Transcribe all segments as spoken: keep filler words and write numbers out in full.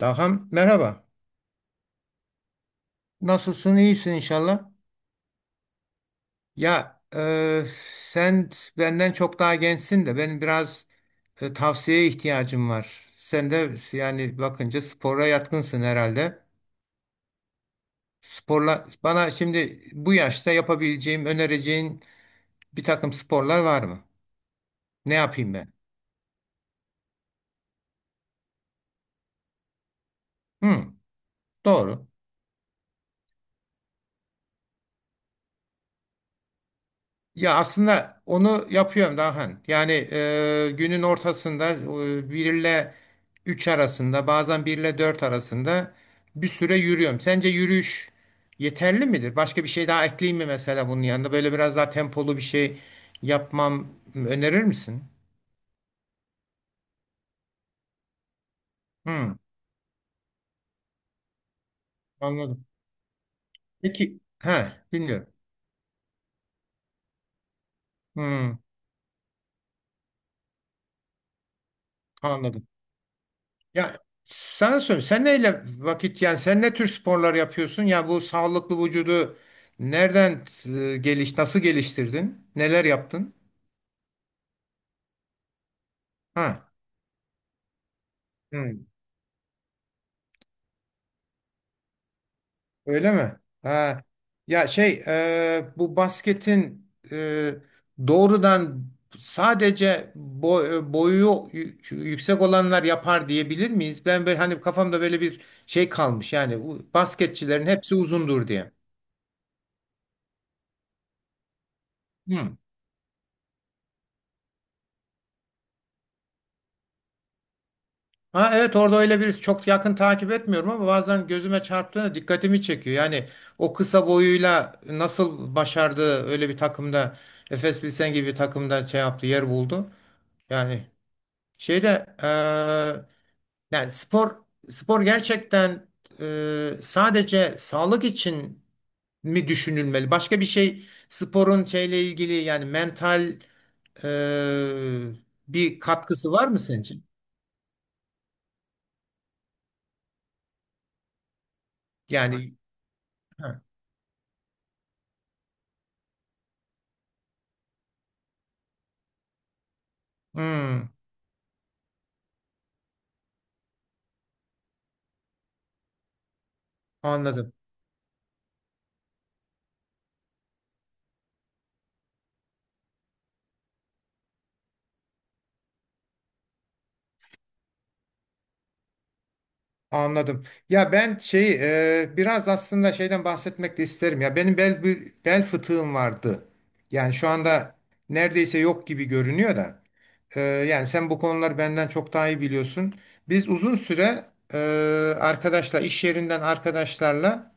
Daham merhaba. Nasılsın? İyisin inşallah. Ya e, sen benden çok daha gençsin de benim biraz e, tavsiyeye ihtiyacım var. Sen de yani bakınca spora yatkınsın herhalde. Sporla bana şimdi bu yaşta yapabileceğim, önereceğin bir takım sporlar var mı? Ne yapayım ben? Hı, doğru. Ya aslında onu yapıyorum Dahan. Yani e, günün ortasında e, bir ile üç arasında bazen bir ile dört arasında bir süre yürüyorum. Sence yürüyüş yeterli midir? Başka bir şey daha ekleyeyim mi mesela bunun yanında? Böyle biraz daha tempolu bir şey yapmam önerir misin? Hmm, anladım. Peki, ha, dinliyorum. Hmm, anladım. Ya sana söyleyeyim. Sen neyle vakit yani sen ne tür sporlar yapıyorsun? Ya bu sağlıklı vücudu nereden e, geliş nasıl geliştirdin? Neler yaptın? Ha. Hı. Öyle mi? Ha. Ya şey e, bu basketin e, doğrudan sadece bo- e, boyu yü- yüksek olanlar yapar diyebilir miyiz? Ben böyle hani kafamda böyle bir şey kalmış yani bu basketçilerin hepsi uzundur diye. Hı. Ha evet orada öyle bir çok yakın takip etmiyorum ama bazen gözüme çarptığında dikkatimi çekiyor. Yani o kısa boyuyla nasıl başardı öyle bir takımda Efes Pilsen gibi bir takımda şey yaptı yer buldu. Yani şeyde eee, yani spor spor gerçekten eee, sadece sağlık için mi düşünülmeli? Başka bir şey sporun şeyle ilgili yani mental eee, bir katkısı var mı senin için? Yani ha, hmm, anladım. Anladım. Ya ben şey e, biraz aslında şeyden bahsetmek de isterim. Ya benim bel bel fıtığım vardı. Yani şu anda neredeyse yok gibi görünüyor da. E, yani sen bu konuları benden çok daha iyi biliyorsun. Biz uzun süre e, arkadaşlar iş yerinden arkadaşlarla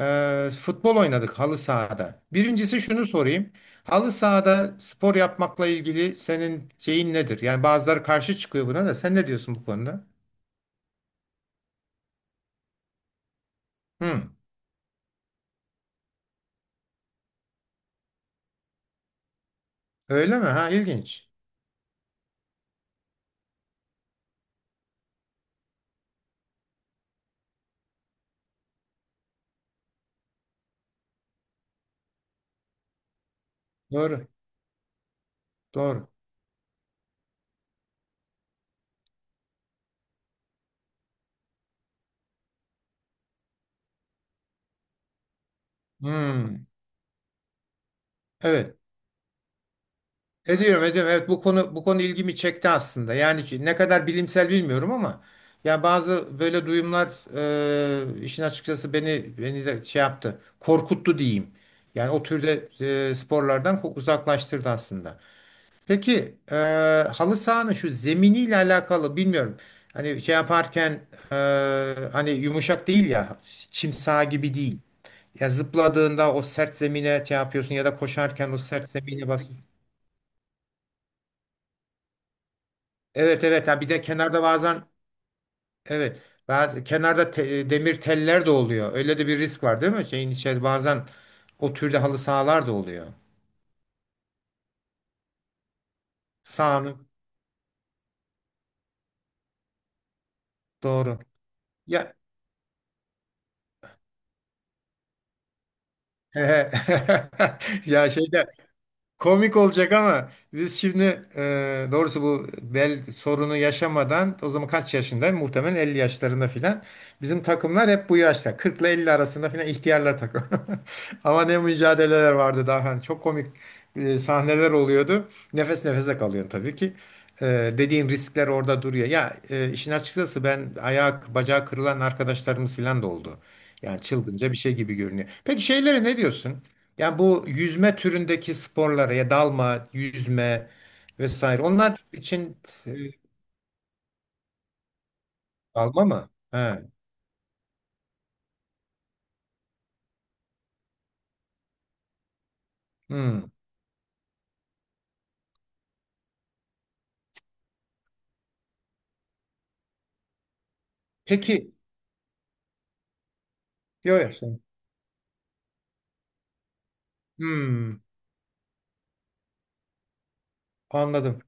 e, futbol oynadık halı sahada. Birincisi şunu sorayım. Halı sahada spor yapmakla ilgili senin şeyin nedir? Yani bazıları karşı çıkıyor buna da. Sen ne diyorsun bu konuda? Hı. Öyle mi? Ha ilginç. Doğru. Doğru. Hmm, evet. Ediyorum, ediyorum. Evet bu konu bu konu ilgimi çekti aslında. Yani ki ne kadar bilimsel bilmiyorum ama ya bazı böyle duyumlar e, işin açıkçası beni beni de şey yaptı. Korkuttu diyeyim. Yani o türde e, sporlardan ko- uzaklaştırdı aslında. Peki e, halı sahanın şu zeminiyle alakalı bilmiyorum. Hani şey yaparken e, hani yumuşak değil ya çim saha gibi değil. Ya zıpladığında o sert zemine şey yapıyorsun ya da koşarken o sert zemine basıyorsun. Evet evet ha bir de kenarda bazen evet bazı kenarda te- demir teller de oluyor. Öyle de bir risk var değil mi? Şeyin içeri bazen o türde halı sahalar da oluyor. Sahanın doğru. Ya ya şeyde komik olacak ama biz şimdi e, doğrusu bu bel sorunu yaşamadan o zaman kaç yaşında? Muhtemelen elli yaşlarında filan. Bizim takımlar hep bu yaşta. Kırk ile elli arasında filan ihtiyarlar takım. Ama ne mücadeleler vardı daha. Hani çok komik e, sahneler oluyordu. Nefes nefese kalıyorsun tabii ki. E, Dediğin riskler orada duruyor. Ya e, işin açıkçası ben ayak, bacağı kırılan arkadaşlarımız filan da oldu. Yani çılgınca bir şey gibi görünüyor. Peki şeylere ne diyorsun? Yani bu yüzme türündeki sporlara ya dalma, yüzme vesaire onlar için e, dalma mı? He. Hmm. Peki. Yok. Yok. Hmm, anladım.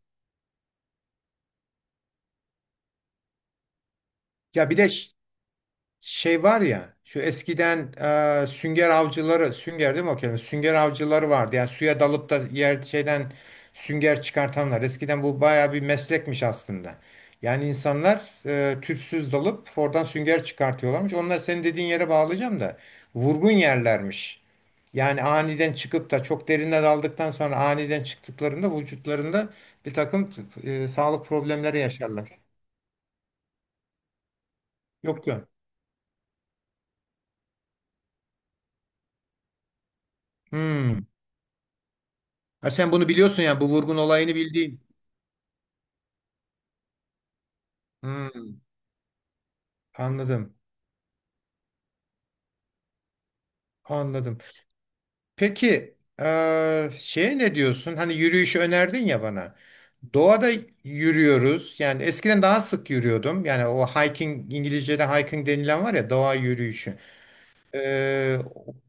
Ya bir de ş- şey var ya şu eskiden e, sünger avcıları sünger değil mi o kelime sünger avcıları vardı yani suya dalıp da yer şeyden sünger çıkartanlar eskiden bu baya bir meslekmiş aslında yani insanlar e, tüpsüz dalıp oradan sünger çıkartıyorlarmış onlar senin dediğin yere bağlayacağım da vurgun yerlermiş yani aniden çıkıp da çok derine daldıktan sonra aniden çıktıklarında vücutlarında bir takım e, sağlık problemleri yaşarlar yok yok. Hmm. Ha sen bunu biliyorsun yani bu vurgun olayını bildiğin. Hmm, anladım. Anladım. Peki eee şeye ne diyorsun? Hani yürüyüşü önerdin ya bana. Doğada yürüyoruz. Yani eskiden daha sık yürüyordum. Yani o hiking İngilizce'de hiking denilen var ya doğa yürüyüşü. Eee,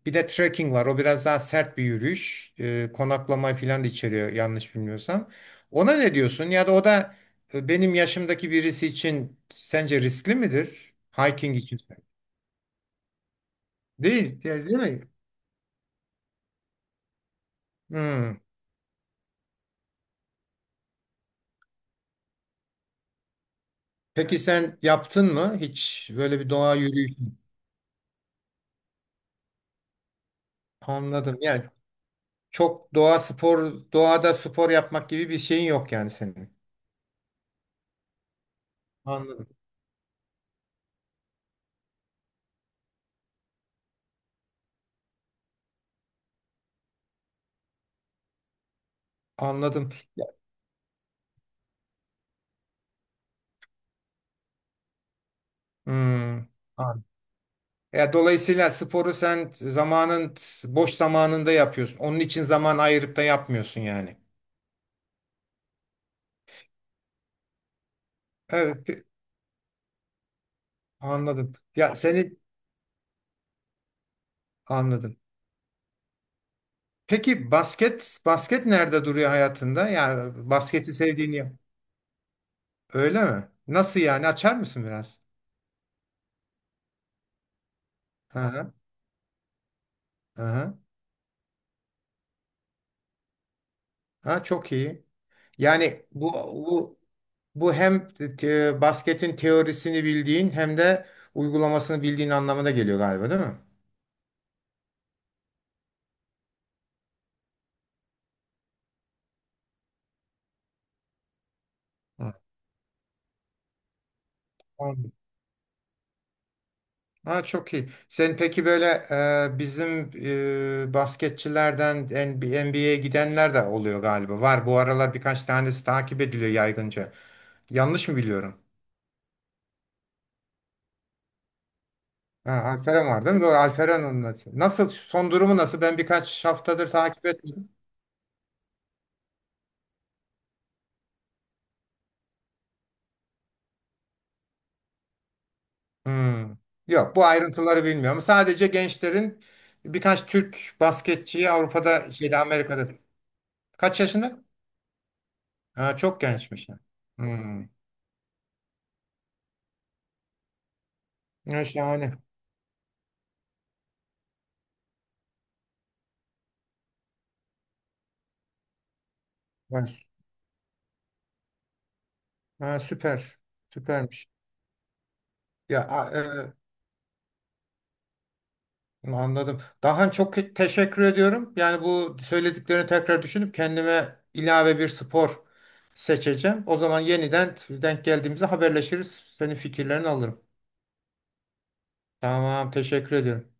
bir de trekking var. O biraz daha sert bir yürüyüş. Eee konaklama falan da içeriyor yanlış bilmiyorsam. Ona ne diyorsun? Ya da o da e, benim yaşımdaki birisi için sence riskli midir? Hiking için. Değil, değil, değil mi? Hmm. Peki sen yaptın mı hiç böyle bir doğa yürüyüşü? Anladım. Yani çok doğa spor, doğada spor yapmak gibi bir şeyin yok yani senin. Anladım. Anladım. Ya- hmm. An- ya dolayısıyla sporu sen zamanın boş zamanında yapıyorsun. Onun için zaman ayırıp da yapmıyorsun yani. Evet, pe- anladım. Ya seni anladım. Peki basket basket nerede duruyor hayatında? Yani basketi sevdiğini öyle mi? Nasıl yani? Açar mısın biraz? Hı hı. Hı hı. Ha, çok iyi. Yani bu bu bu hem te- basketin teorisini bildiğin hem de uygulamasını bildiğin anlamına geliyor galiba, değil mi? Hı. Anladım. Ha, çok iyi. Sen peki böyle e, bizim e, basketçilerden N B A'ye gidenler de oluyor galiba. Var bu aralar birkaç tanesi takip ediliyor yaygınca. Yanlış mı biliyorum? Ha, Alperen var değil mi? Doğru Alperen onunla. Nasıl son durumu nasıl? Ben birkaç haftadır takip etmedim. Hmm. Yok bu ayrıntıları bilmiyorum. Sadece gençlerin birkaç Türk basketçiyi Avrupa'da şeyde Amerika'da. Kaç yaşında? Ha, çok gençmiş ya. Hmm. Ya, şahane. Ha, sü- ha, süper. Süpermiş. Ya a- e, anladım. Daha çok ke- teşekkür ediyorum. Yani bu söylediklerini tekrar düşünüp kendime ilave bir spor seçeceğim. O zaman yeniden denk geldiğimizde haberleşiriz. Senin fikirlerini alırım. Tamam, teşekkür ediyorum.